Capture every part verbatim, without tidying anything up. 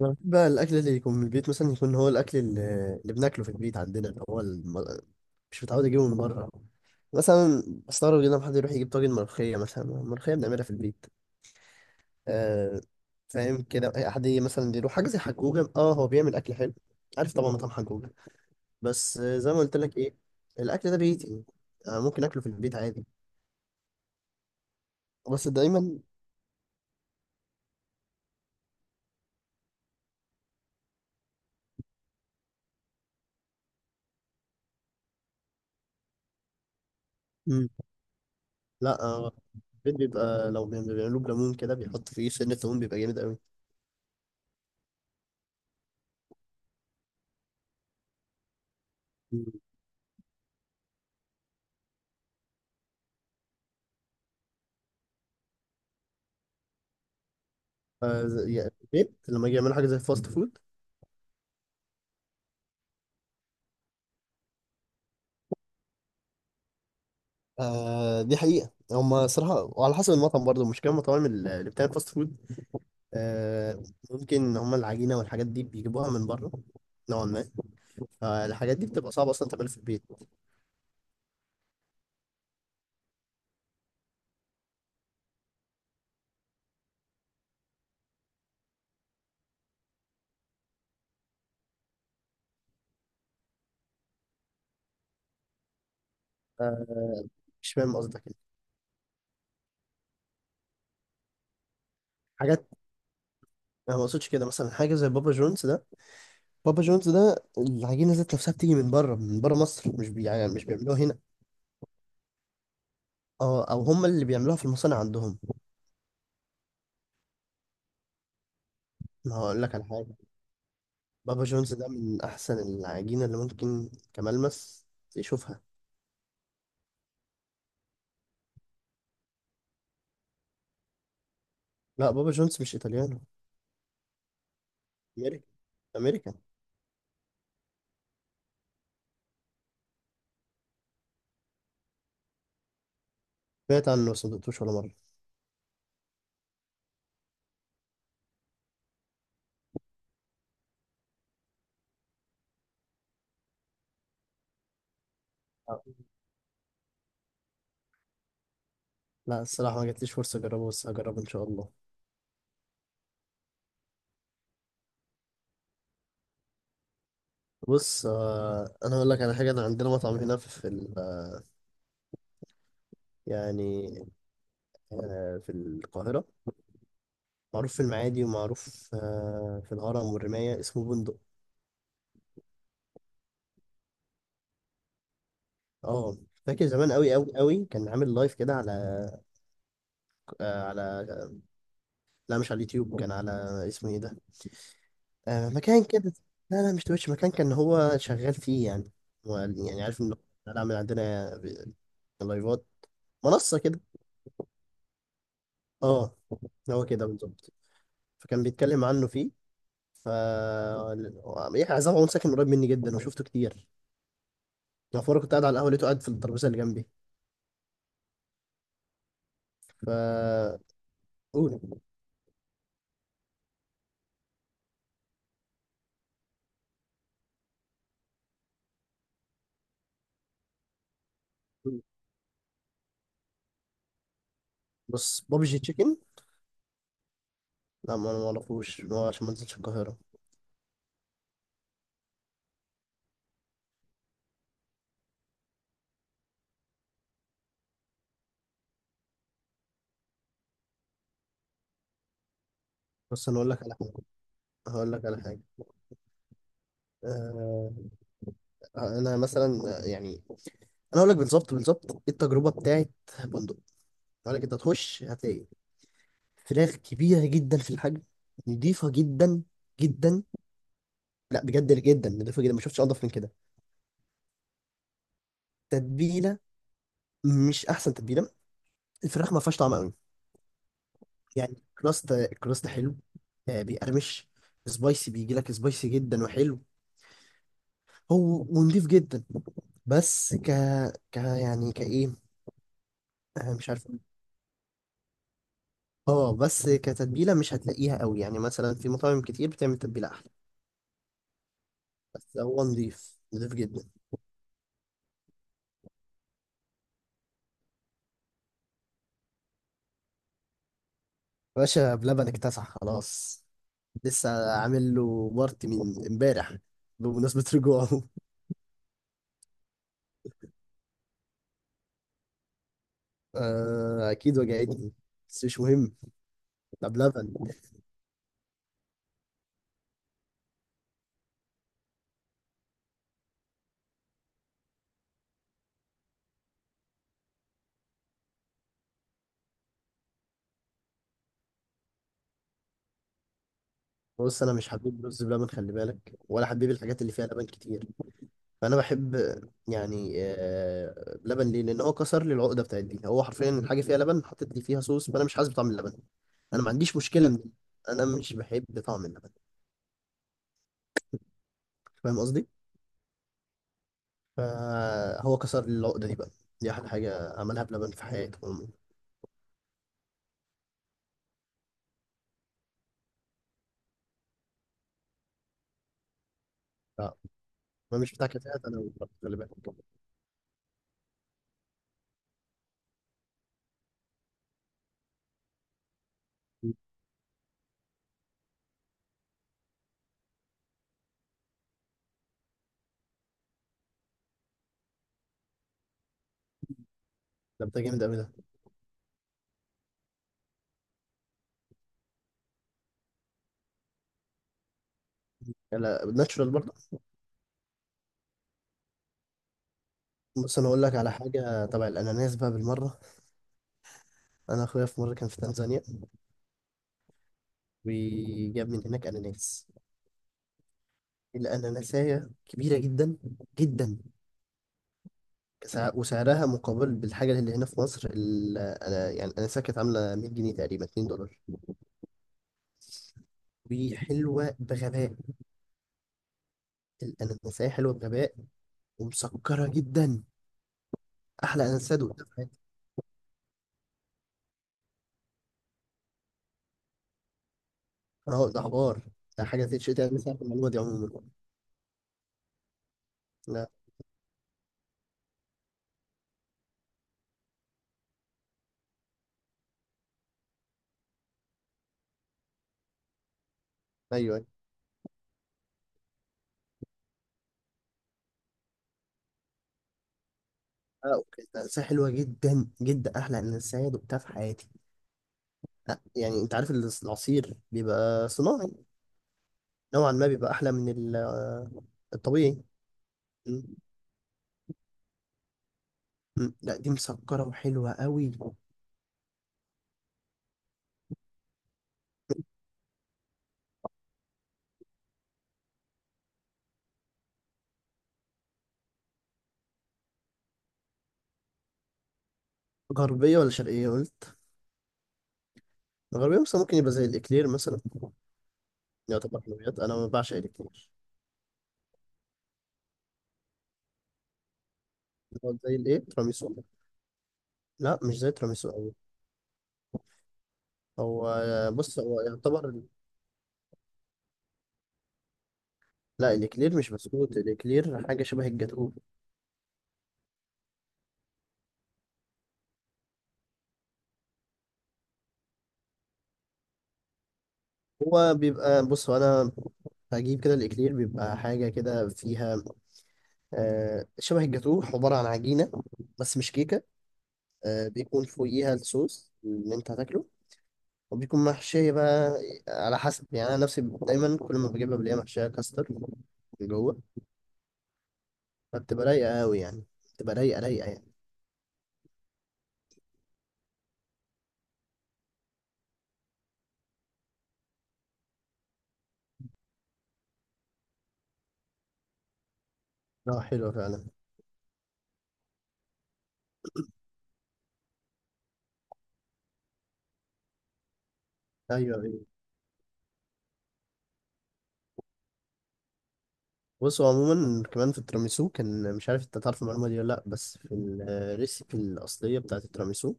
أنا بحب بقى الأكل اللي يكون من البيت، مثلا يكون هو الأكل اللي اللي بناكله في البيت عندنا اللي هو الم... مش متعود أجيبه من بره. مثلا بستغرب جدا لما حد يروح يجيب طاجن ملوخية، مثلا الملوخية بنعملها في البيت. آه. فاهم كده، أي حد يجي مثلا يروح حاجة زي حجوجة، اه هو بيعمل أكل حلو. عارف طبعا مطعم حجوجة. بس آه، زي ما قلت لك إيه، الأكل ده بيتي. آه ممكن أكله في البيت عادي. بس دايما. مم. لا آه، البيت بيبقى لو بيعملوه بليمون كده، بيحط فيه سنة ليمون بيبقى جامد أوي. آه، زي- يعني في البيت لما يجي يعملوا حاجه زي فاست فود. آه، دي حقيقه هم صراحه، وعلى حسب المطعم برضه، مش كام المطاعم اللي بتعمل فاست فود. آه، ممكن هم العجينه والحاجات دي بيجيبوها من بره، نوعا ما. فالحاجات دي بتبقى صعبه اصلا تعملها في البيت. آه، مش فاهم قصدك يعني. حاجات. انا ما اقصدش كده، مثلا حاجه زي بابا جونز ده. بابا جونز ده العجينه ذات نفسها بتيجي من بره من بره مصر، مش بي يعني مش بيعملوها هنا. اه، او هم اللي بيعملوها في المصانع عندهم. ما هقول لك على حاجه. بابا جونز ده من احسن العجينه اللي ممكن كملمس يشوفها. لا، بابا جونز مش ايطاليانو. امريكي، امريكان. سمعت عنه بس ما دقتوش ولا مره. آه. لا الصراحه ما جاتليش فرصه اجربه، بس هجربه ان شاء الله. بص آه، انا اقول لك على حاجه. انا عندنا مطعم هنا في في ال- آه، يعني آه في القاهره. معروف في المعادي، ومعروف آه في الهرم والرمايه، اسمه بندق. اه، فاكر زمان قوي قوي قوي كان عامل لايف كده على. آه على. لا مش على اليوتيوب، كان على. اسمه ايه ده؟ آه، مكان كده. لا لا، مش تويتش، مكان كان هو شغال فيه يعني. هو يعني عارف ان هو شغال، عامل عندنا ب- لايفات، منصة كده. اه، هو كده بالظبط. فكان بيتكلم عنه فيه. ف، يحيى عزام عمر ساكن قريب مني جدا، وشفته كتير. يعني في مرة كنت قاعد على القهوة، لقيته قاعد في الترابيزة اللي جنبي. ف. قول. بص بابجي تشيكن، لا ما انا ما اعرفوش، ما هو عشان ما نزلتش القاهرة. بص انا اقول لك على حاجة. هقول لك على حاجة. آه، انا مثلا يعني، انا اقول لك بالظبط بالظبط إيه التجربه بتاعت بندق. اقول لك انت هتخش هتلاقي فراخ كبيره جدا في الحجم، نضيفه جدا جدا. لا بجد جدا، نضيفه جدا، ما شفتش انضف من كده. تتبيله، مش احسن تتبيله، الفراخ ما فيهاش طعم قوي. يعني كراست كراست حلو. آه، بيقرمش. سبايسي، بيجي لك سبايسي جدا وحلو. هو ونضيف جدا. بس ك ك يعني كايه. آه، مش عارف. اه بس كتتبيله مش هتلاقيها قوي، يعني مثلا في مطاعم كتير بتعمل تتبيله احلى. بس هو نضيف نضيف جدا. باشا بلبن اكتسح خلاص. لسه عامل له بارتي من امبارح، بمناسبة رجوعه آه أكيد وجعتني، بس مش مهم. ده بلبن. بص أنا مش حبيب رز بلبن، خلي بالك، ولا حبيب الحاجات اللي فيها لبن كتير. فأنا بحب، يعني آه بلبن ليه؟ لأن هو كسر لي العقدة بتاعت دي. هو حرفيا الحاجة فيها لبن، حطيت لي فيها صوص، فأنا مش حاسس بطعم اللبن. أنا ما عنديش مشكلة من دي. أنا مش بحب طعم اللبن. فاهم قصدي؟ فهو كسر العقدة دي بقى. دي أحلى حاجة عملها بلبن في حياته عموما. آه. ما مش بتاع كافيهات أنا والله، خلي بالك. ده بتاع جامد أوي ده. لا ناتشورال برضه. بص أنا أقول لك على حاجة تبع الأناناس بقى بالمرة. أنا أخويا في مرة كان في تنزانيا، وجاب من هناك أناناس. الأناناسية كبيرة جدا جدا. كسع- وسعرها مقابل بالحاجة اللي هنا في مصر، ال- أنا يعني الأناناسية كانت عاملة مية جنيه تقريبا، اتنين دولار. وحلوة بغباء. الأناناسية حلوة بغباء، ومسكرة جدا. احلى انسد وقتها في حياتي. اه، ده حوار. ده حاجه تتشتي، انا مش عارف المعلومه دي عموما. لا. ايوه ايوه. اه اوكي، ده انسة حلوه جدا جدا، احلى انسد وقتها في حياتي. يعني انت عارف ال- العصير بيبقى صناعي، نوعا ما بيبقى احلى من ال- آه، الطبيعي. م- م- لا دي مسكره وحلوه قوي. غربيه ولا شرقيه قلت؟ غربيه مثلا، ممكن يبقى زي الاكلير مثلا. يعتبر حلويات، انا ما بعشق الاكلير. هو زي الايه، تراميسو؟ لا مش زي تراميسو قوي. هو بص هو يعتبر. لا الاكلير مش بسكوت، الاكلير حاجه شبه الجاتوه. هو بيبقى بص هو انا هجيب كده. الاكلير بيبقى حاجه كده فيها آه شبه الجاتوه، عباره عن عجينه بس مش كيكه. آه، بيكون فوقيها الصوص اللي انت هتاكله، وبيكون محشيه بقى على حسب. يعني انا نفسي دايما كل ما بجيبها بلاقيها محشيه كاستر من جوه. فبتبقى رايقه قوي يعني، بتبقى رايقه رايقه يعني. اه حلوه فعلا. ايوه ايوه. بص هو عموما كمان في التيراميسو، كان مش عارف انت تعرف المعلومه دي ولا لا، بس في الريسيبي الاصليه بتاعت التيراميسو،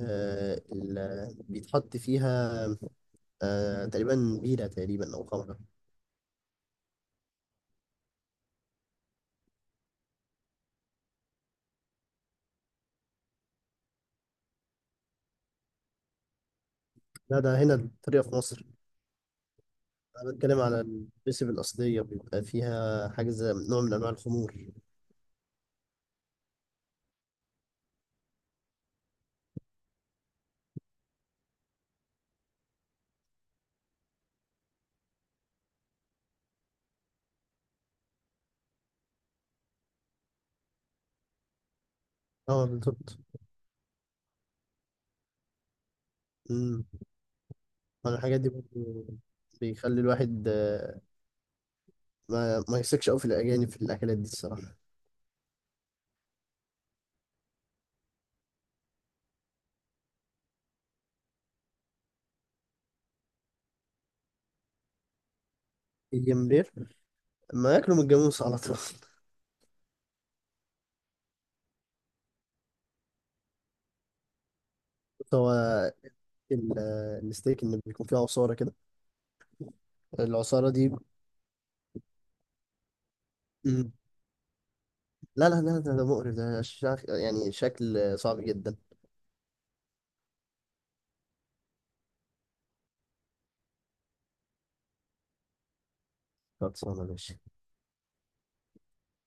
آه ال- بيتحط فيها آه تقريبا بيرة، تقريبا او خمره. لا ده هنا الطريقه في مصر. انا بتكلم على الريسيبي الاصليه، بيبقى فيها حاجه زي نوع من انواع الخمور. اه بالظبط. امم. انا الحاجات دي برضه بيخلي الواحد آه، ما ما يثقش قوي في الاجانب في الاكلات دي الصراحه. الجمبري، ما ياكلوا من الجاموس على طول. هو ال- آه، الستيك اللي بيكون فيه عصارة كده، العصارة دي. مم. لا لا لا، ده ده مقرف، ده شخ... يعني شكل صعب جدا. خلصانة ماشي.